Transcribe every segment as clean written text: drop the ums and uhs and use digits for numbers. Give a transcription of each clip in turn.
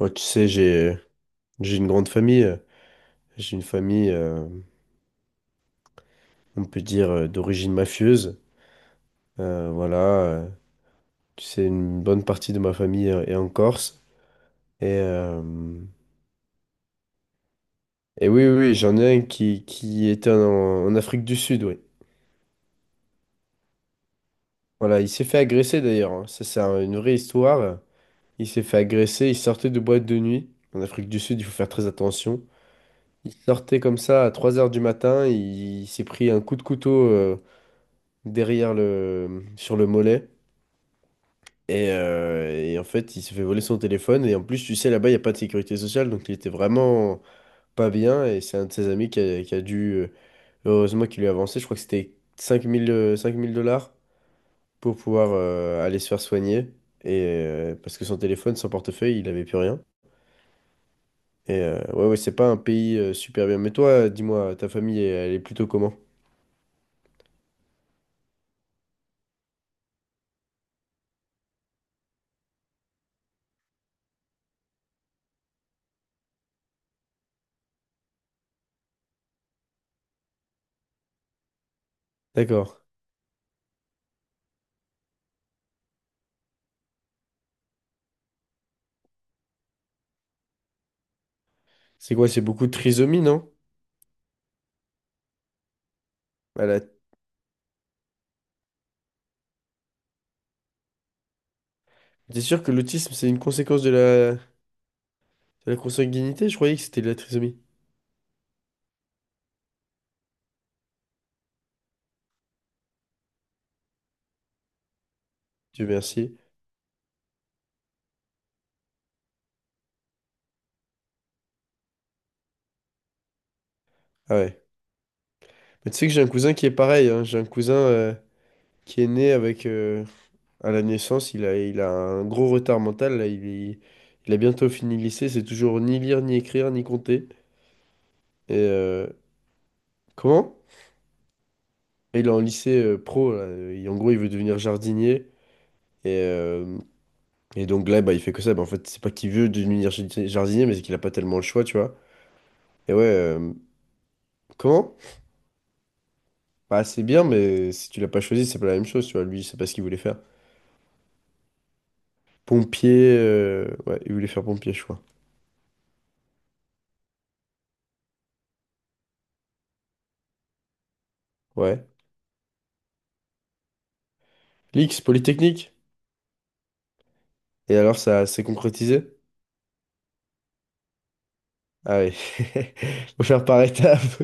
Ouais, tu sais, j'ai une grande famille. J'ai une famille, on peut dire, d'origine mafieuse. Voilà, tu sais, une bonne partie de ma famille est en Corse. Et, euh, et oui, oui, oui, j'en ai un qui était en Afrique du Sud, oui. Voilà, il s'est fait agresser d'ailleurs, hein. Ça, c'est une vraie histoire. Il s'est fait agresser, il sortait de boîte de nuit. En Afrique du Sud, il faut faire très attention. Il sortait comme ça à 3 heures du matin, il s'est pris un coup de couteau, derrière le sur le mollet. Et en fait, il se fait voler son téléphone. Et en plus, tu sais, là-bas, il n'y a pas de sécurité sociale. Donc, il était vraiment pas bien. Et c'est un de ses amis qui a dû. Heureusement qu'il lui a avancé. Je crois que c'était 5 000 dollars pour pouvoir aller se faire soigner. Parce que son téléphone, son portefeuille, il n'avait plus rien. Ouais, ouais, c'est pas un pays super bien. Mais toi, dis-moi, ta famille, elle est plutôt comment? D'accord. C'est quoi? C'est beaucoup de trisomie, non? Elle. T'es sûr que l'autisme, c'est une conséquence de la consanguinité? Je croyais que c'était de la trisomie. Dieu merci. Ah ouais. Mais tu sais que j'ai un cousin qui est pareil, hein. J'ai un cousin qui est né avec, à la naissance, il a un gros retard mental, là. Il a bientôt fini le lycée. C'est toujours ni lire, ni écrire, ni compter. Et euh, Comment? Et il est en lycée pro, là. Et en gros, il veut devenir jardinier. Et, euh, et donc là, bah, il fait que ça. Bah, en fait, c'est pas qu'il veut devenir jardinier, mais c'est qu'il a pas tellement le choix, tu vois. Et ouais, comment? Bah, c'est bien, mais si tu l'as pas choisi, c'est pas la même chose, tu vois. Lui, c'est pas ce qu'il voulait faire. Pompier, ouais, il voulait faire pompier, je crois. Ouais. L'X, Polytechnique. Et alors, ça s'est concrétisé? Ah oui. Faut faire par étapes.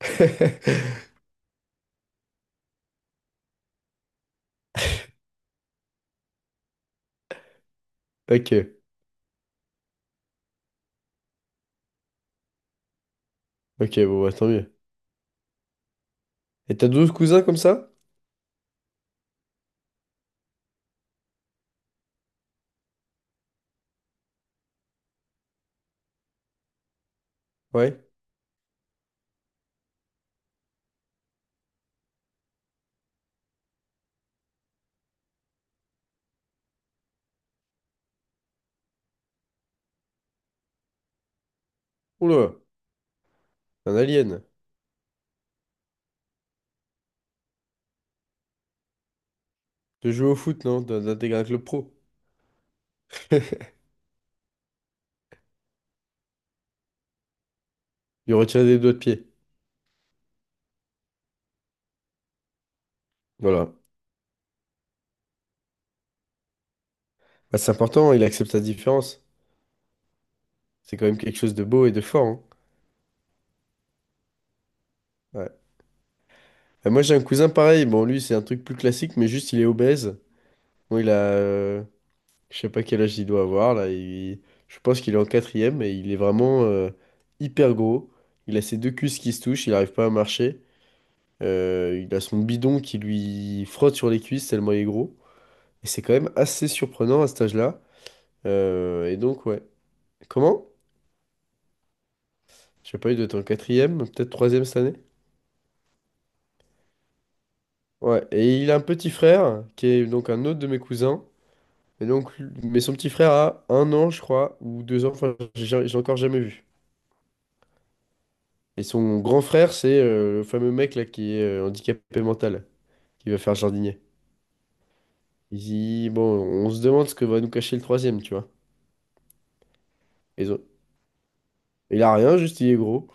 Ok. Ok, bon, bah, tant mieux. Et t'as 12 cousins comme ça? Ouais. Oula, un alien. De jouer au foot, non? D'intégrer un club pro. Lui retirer des doigts de pied. Voilà. Bah, c'est important, il accepte sa différence. C'est quand même quelque chose de beau et de fort, hein. Ouais. Et moi, j'ai un cousin pareil. Bon, lui, c'est un truc plus classique, mais juste, il est obèse. Bon, il a. Je sais pas quel âge il doit avoir là. Je pense qu'il est en quatrième et il est vraiment hyper gros. Il a ses deux cuisses qui se touchent, il n'arrive pas à marcher. Il a son bidon qui lui frotte sur les cuisses tellement il est gros. Et c'est quand même assez surprenant à cet âge-là. Et donc ouais. Comment? Je sais pas, il doit être en quatrième, peut-être troisième cette année. Ouais. Et il a un petit frère qui est donc un autre de mes cousins. Et donc, mais son petit frère a un an, je crois, ou 2 ans. Enfin, j'ai encore jamais vu. Et son grand frère, c'est le fameux mec là qui est handicapé mental, qui va faire jardinier. Il dit, bon, on se demande ce que va nous cacher le troisième, tu vois. Et ils ont- Il a rien, juste il est gros.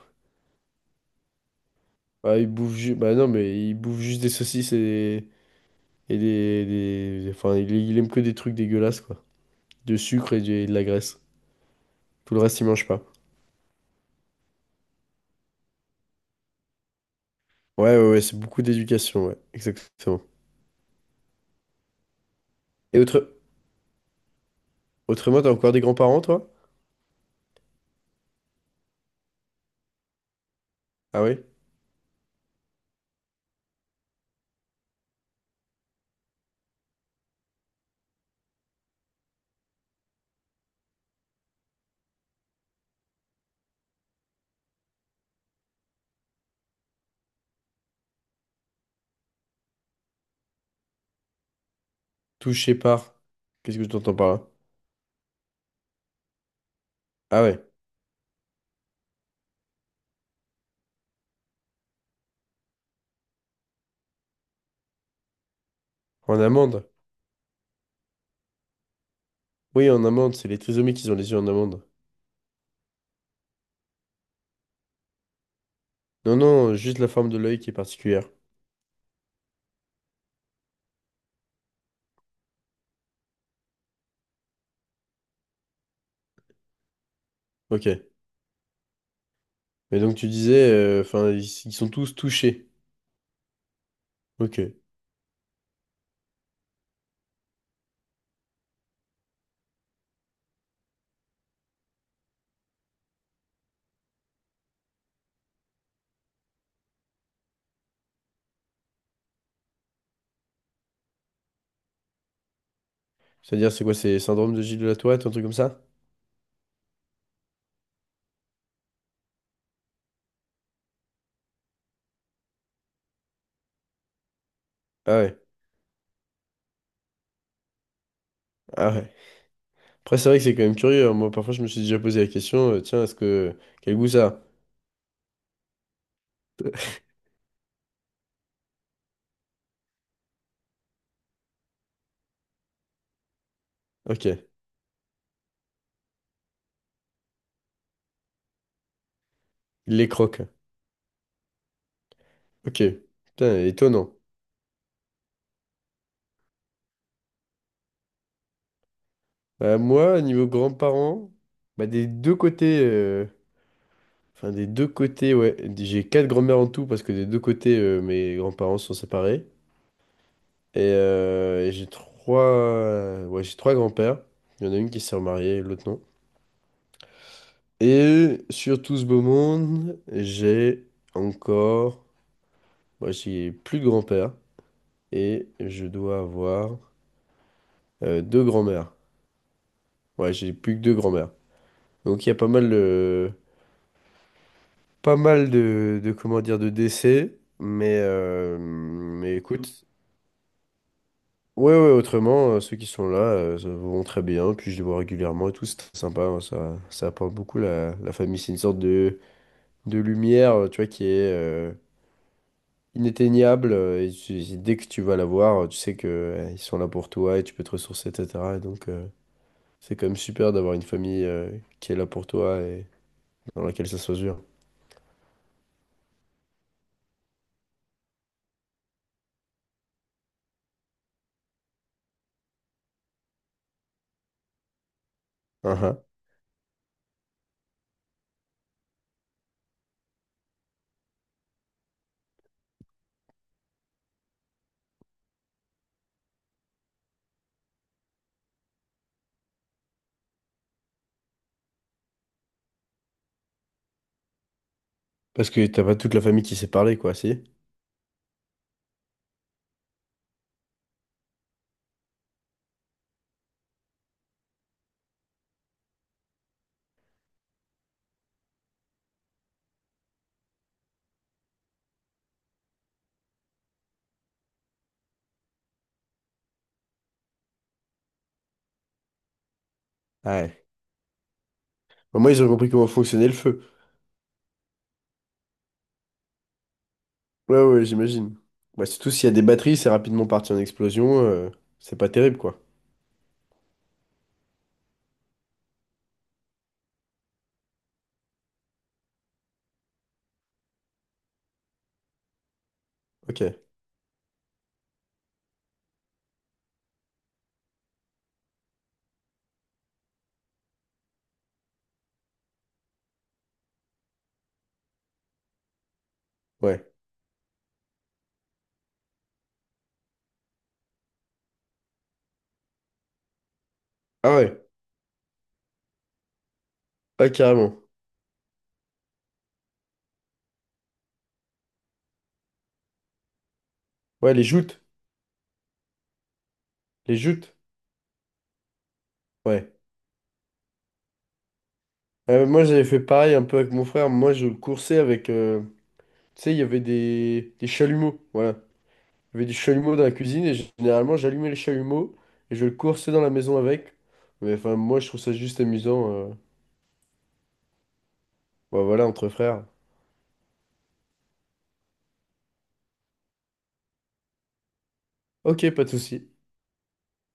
Bah non, mais il bouffe juste des saucisses et des. Enfin, il aime que des trucs dégueulasses, quoi. De sucre et de la graisse. Tout le reste, il mange pas. Ouais, ouais, ouais, c'est beaucoup d'éducation, ouais. Exactement. Et autrement, t'as encore des grands-parents, toi? Ah ouais? Touché par. Qu'est-ce que tu entends par là? Ah ouais. En amende. Oui, en amande, c'est les trisomiques qui ont les yeux en amande. Non, non, juste la forme de l'œil qui est particulière. Ok. Mais donc tu disais, enfin, ils sont tous touchés. Ok. C'est-à-dire, c'est quoi, c'est syndrome de Gilles de la Tourette, un truc comme ça? Ah ouais, ah ouais. Après, c'est vrai que c'est quand même curieux, hein. Moi, parfois, je me suis déjà posé la question, tiens, est-ce que. Quel goût ça? A Ok. Il les croque. Ok. Putain, étonnant. Bah, moi, niveau grands-parents, bah, des deux côtés... euh, Enfin, des deux côtés, ouais. J'ai quatre grands-mères en tout parce que des deux côtés, mes grands-parents sont séparés. Et ouais, j'ai trois grands-pères. Il y en a une qui s'est remariée, l'autre non. Et sur tout ce beau monde, j'ai encore, moi j'ai plus de grands-pères et je dois avoir deux grands-mères. Ouais, j'ai plus que deux grands-mères. Donc il y a pas mal de, comment dire, de décès. Mais écoute, ouais, ouais, autrement, ceux qui sont là ça vont très bien, puis je les vois régulièrement et tout, c'est très sympa, hein, ça apporte beaucoup la famille, c'est une sorte de lumière, tu vois, qui est inatteignable, et dès que tu vas la voir, tu sais que ils sont là pour toi et tu peux te ressourcer, etc. Et donc, c'est quand même super d'avoir une famille qui est là pour toi et dans laquelle ça se mesure. Hein, hein. Parce que t'as pas toute la famille qui sait parler, quoi, si? Ouais. Au moins, ils ont compris comment fonctionnait le feu. Ouais, ouais, j'imagine. Bah, surtout s'il y a des batteries, c'est rapidement parti en explosion, c'est pas terrible, quoi. Ok, ouais. Ah ouais, ah, carrément. Ouais, les joutes. Les joutes. Ouais. Moi, j'avais fait pareil un peu avec mon frère. Moi, je le coursais avec. Tu sais, il y avait des chalumeaux. Voilà. Il y avait des chalumeaux dans la cuisine et généralement, j'allumais les chalumeaux et je le coursais dans la maison avec. Mais enfin, moi, je trouve ça juste amusant. Bah, voilà, entre frères. Ok, pas de souci.